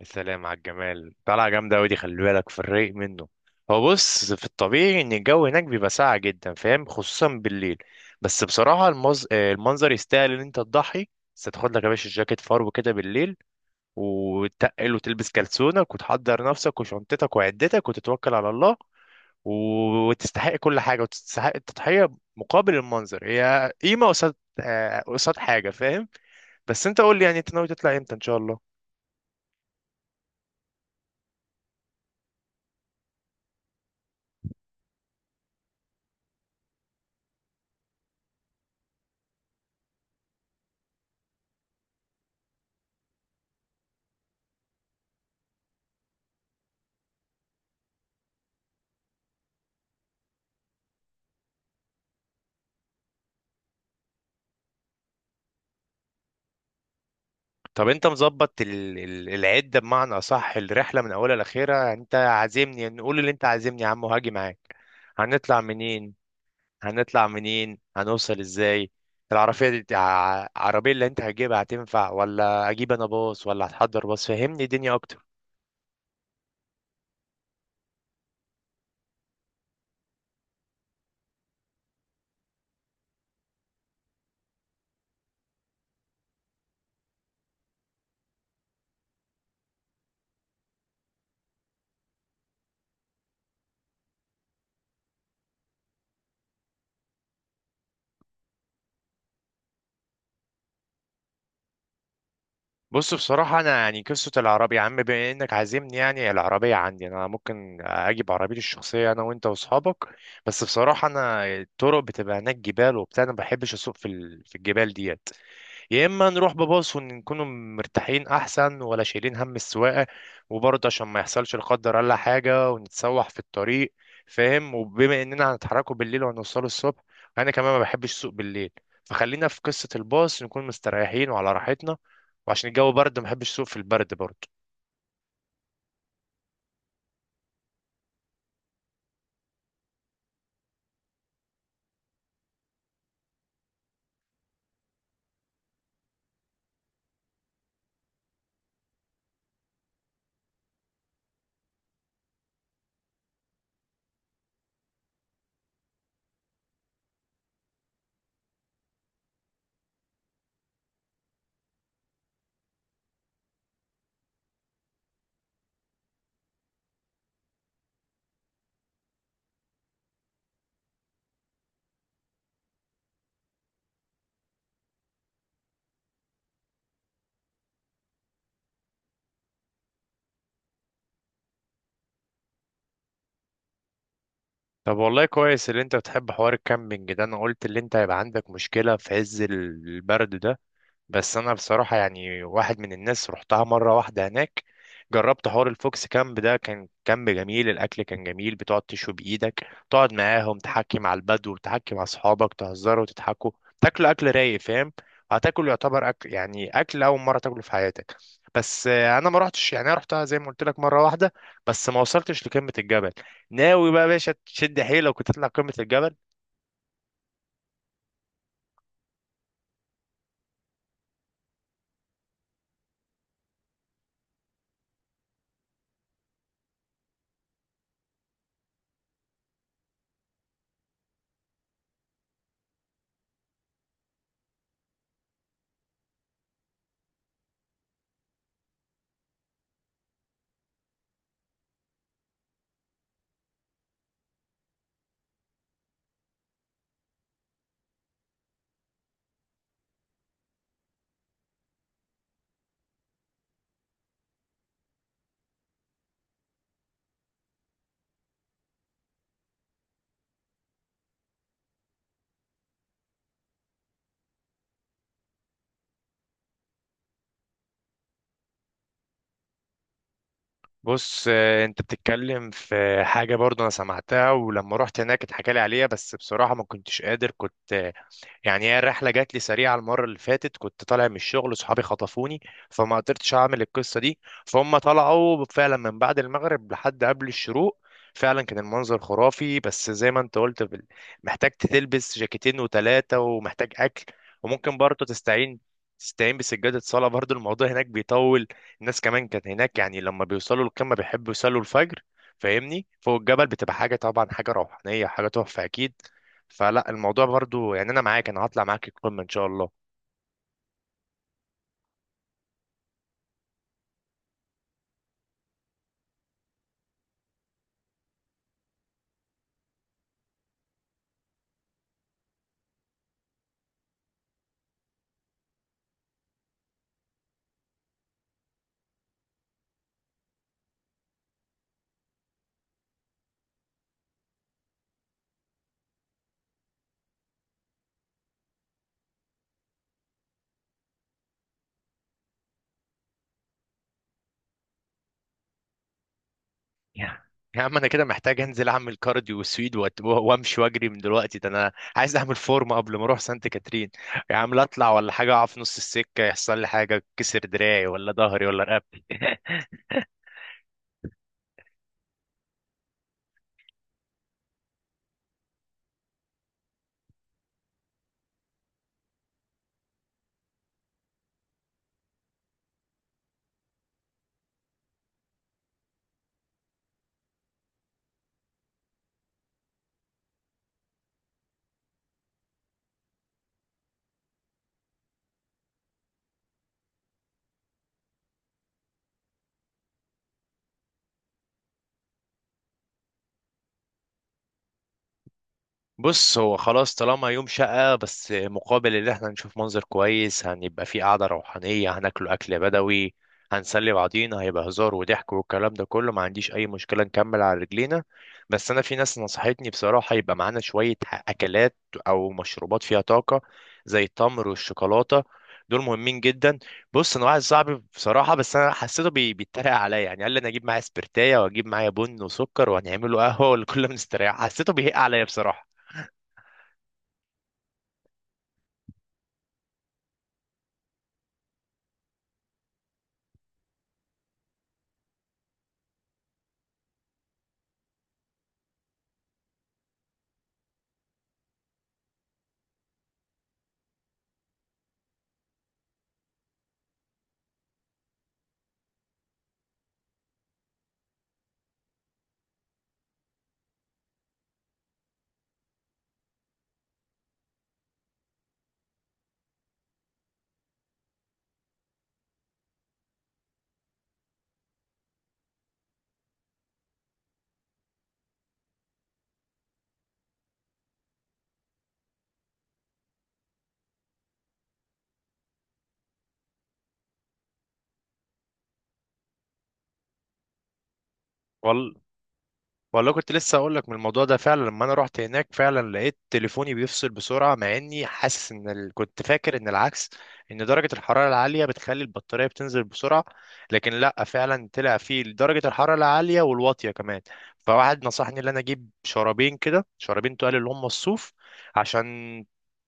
السلام على الجمال. طلعة جامدة أوي دي، خلي بالك في الرايق منه. هو بص، في الطبيعي إن الجو هناك بيبقى ساقع جدا، فاهم، خصوصا بالليل. بس بصراحة المز... آه، المنظر يستاهل إن أنت تضحي. بس تاخد لك يا باشا جاكيت فرو كده بالليل، وتقل وتلبس كلسونك وتحضر نفسك وشنطتك وعدتك وتتوكل على الله. و- وتستحق كل حاجة وتستحق التضحية مقابل المنظر. هي قيمة قصاد قصاد حاجة، فاهم. بس أنت قول لي، يعني أنت ناوي تطلع إمتى إن شاء الله؟ طب انت مظبط العده، بمعنى اصح الرحله من اولها لاخرها؟ انت عازمني، نقول اللي انت عازمني يا عم وهاجي معاك. هنطلع منين؟ هنطلع منين، هنوصل ازاي؟ العربيه دي، العربيه اللي انت هتجيبها هتنفع، ولا اجيب انا باص، ولا هتحضر باص؟ فهمني الدنيا اكتر. بص بصراحه، انا يعني قصه العربيه يا عم، بما انك عازمني، يعني العربيه عندي، انا ممكن اجيب عربيتي الشخصيه انا وانت واصحابك. بس بصراحه انا، الطرق بتبقى هناك جبال وبتاع، انا ما بحبش اسوق في الجبال دي. يا اما نروح بباص ونكون مرتاحين احسن، ولا شايلين هم السواقه؟ وبرضه عشان ما يحصلش لا قدر الله حاجه ونتسوح في الطريق، فاهم. وبما اننا هنتحركوا بالليل وهنوصلوا الصبح، انا كمان ما بحبش السوق بالليل. فخلينا في قصه الباص، نكون مستريحين وعلى راحتنا. وعشان الجو برد ما بحبش السوق في البرد برضه. طب والله كويس اللي انت بتحب حوار الكامبينج ده، انا قلت اللي انت هيبقى عندك مشكله في عز البرد ده. بس انا بصراحه يعني واحد من الناس رحتها مره واحده هناك، جربت حوار الفوكس كامب ده. كان كامب جميل، الاكل كان جميل، بتقعد تشوي بايدك، تقعد معاهم تحكي مع البدو، تحكي مع اصحابك، تهزروا وتضحكوا، تاكلوا اكل رايق، فاهم. هتاكل يعتبر اكل، يعني اكل اول مره تاكله في حياتك. بس انا ما رحتش، يعني انا رحتها زي ما قلت لك مره واحده، بس ما وصلتش لقمه الجبل. ناوي بقى يا باشا تشد حيلك وتطلع قمه الجبل؟ بص انت بتتكلم في حاجة برضو انا سمعتها، ولما رحت هناك اتحكى لي عليها، بس بصراحة ما كنتش قادر. كنت يعني، هي الرحله جات لي سريعه المره اللي فاتت، كنت طالع من الشغل وصحابي خطفوني، فما قدرتش اعمل القصه دي. فهم طلعوا فعلا من بعد المغرب لحد قبل الشروق، فعلا كان المنظر خرافي. بس زي ما انت قلت محتاج تلبس جاكيتين وتلاتة، ومحتاج اكل. وممكن برضه تستعين بسجادة صلاة برضه، الموضوع هناك بيطول. الناس كمان كانت هناك يعني لما بيوصلوا القمة بيحبوا يصلوا الفجر، فاهمني، فوق الجبل بتبقى حاجة طبعا، حاجة روحانية، حاجة تحفة أكيد. فلا الموضوع برضو، يعني انا معاك، انا هطلع معاك القمه ان شاء الله. يا يا عم انا كده محتاج انزل اعمل كارديو وسويد وامشي واجري من دلوقتي. ده انا عايز اعمل فورمه قبل ما اروح سانت كاترين. يا عم لا اطلع ولا حاجه، اقع في نص السكه يحصل لي حاجه، كسر دراعي ولا ظهري ولا رقبتي. بص هو خلاص، طالما يوم شقة، بس مقابل اللي احنا نشوف منظر كويس، هنبقى في قعدة روحانية، هناكله أكل بدوي، هنسلي بعضينا، هيبقى هزار وضحك والكلام ده كله، ما عنديش أي مشكلة نكمل على رجلينا. بس أنا في ناس نصحتني بصراحة يبقى معانا شوية أكلات أو مشروبات فيها طاقة، زي التمر والشوكولاتة، دول مهمين جدا. بص انا واحد صاحبي بصراحه، بس انا حسيته بيتريق عليا، يعني قال لي انا اجيب معايا سبرتايه واجيب معايا بن وسكر وهنعمله قهوه والكل مستريح. حسيته بيهق عليا بصراحه. وال... والله كنت لسه اقول لك من الموضوع ده. فعلا لما انا رحت هناك فعلا لقيت تليفوني بيفصل بسرعه، مع اني حاسس ان كنت فاكر ان العكس، ان درجه الحراره العاليه بتخلي البطاريه بتنزل بسرعه، لكن لا، فعلا طلع فيه درجه الحراره العاليه والواطيه كمان. فواحد نصحني ان انا اجيب شرابين كده، شرابين تقال اللي هم الصوف، عشان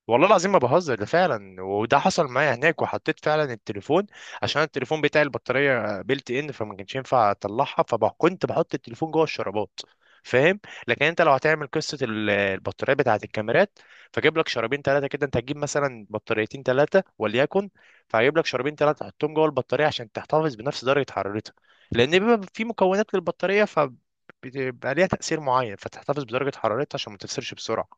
والله العظيم ما بهزر، ده فعلا وده حصل معايا هناك. وحطيت فعلا التليفون، عشان التليفون بتاعي البطاريه بيلت ان، فما كانش ينفع اطلعها، فكنت بحط التليفون جوه الشرابات، فاهم. لكن انت لو هتعمل قصه البطاريه بتاعه الكاميرات، فجيب لك شرابين ثلاثه كده. انت هتجيب مثلا بطاريتين ثلاثه وليكن، فهجيب لك شرابين ثلاثه تحطهم جوه البطاريه عشان تحتفظ بنفس درجه حرارتها. لان بيبقى في مكونات للبطاريه، ف بيبقى ليها تأثير معين، فتحتفظ بدرجة حرارتها عشان ما تفسرش بسرعة.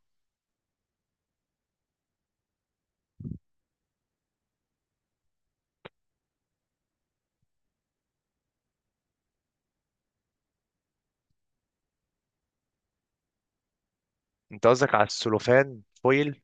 انت قصدك على السلوفان فويل؟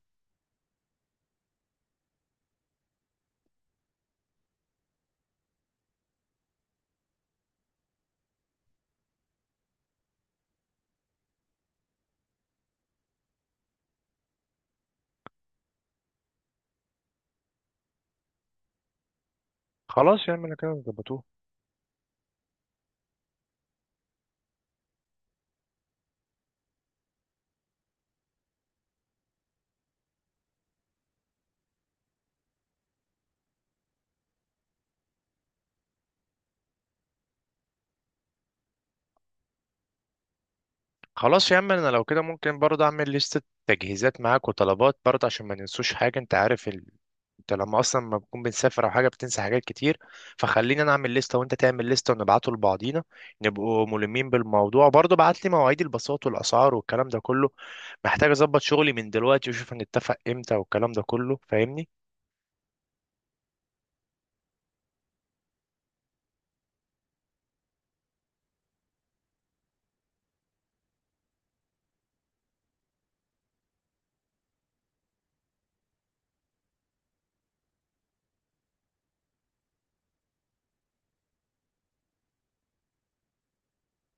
خلاص يا عم انا كده ظبطوه. خلاص يا عم، انا لو كده ممكن برضه اعمل لستة تجهيزات معاك وطلبات، برضه عشان ما ننسوش حاجة. انت عارف انت لما اصلا ما بنكون بنسافر او حاجة بتنسى حاجات كتير. فخليني انا اعمل لستة وانت تعمل لستة ونبعته لبعضينا، نبقوا ملمين بالموضوع. برضه بعت لي مواعيد الباصات والاسعار والكلام ده كله، محتاج اظبط شغلي من دلوقتي واشوف هنتفق امتى والكلام ده كله، فاهمني.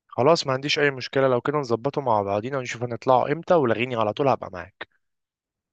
خلاص ما عنديش اي مشكلة، لو كده نظبطه مع بعضينا ونشوف هنطلعوا امتى، ولغيني على طول هبقى معاك.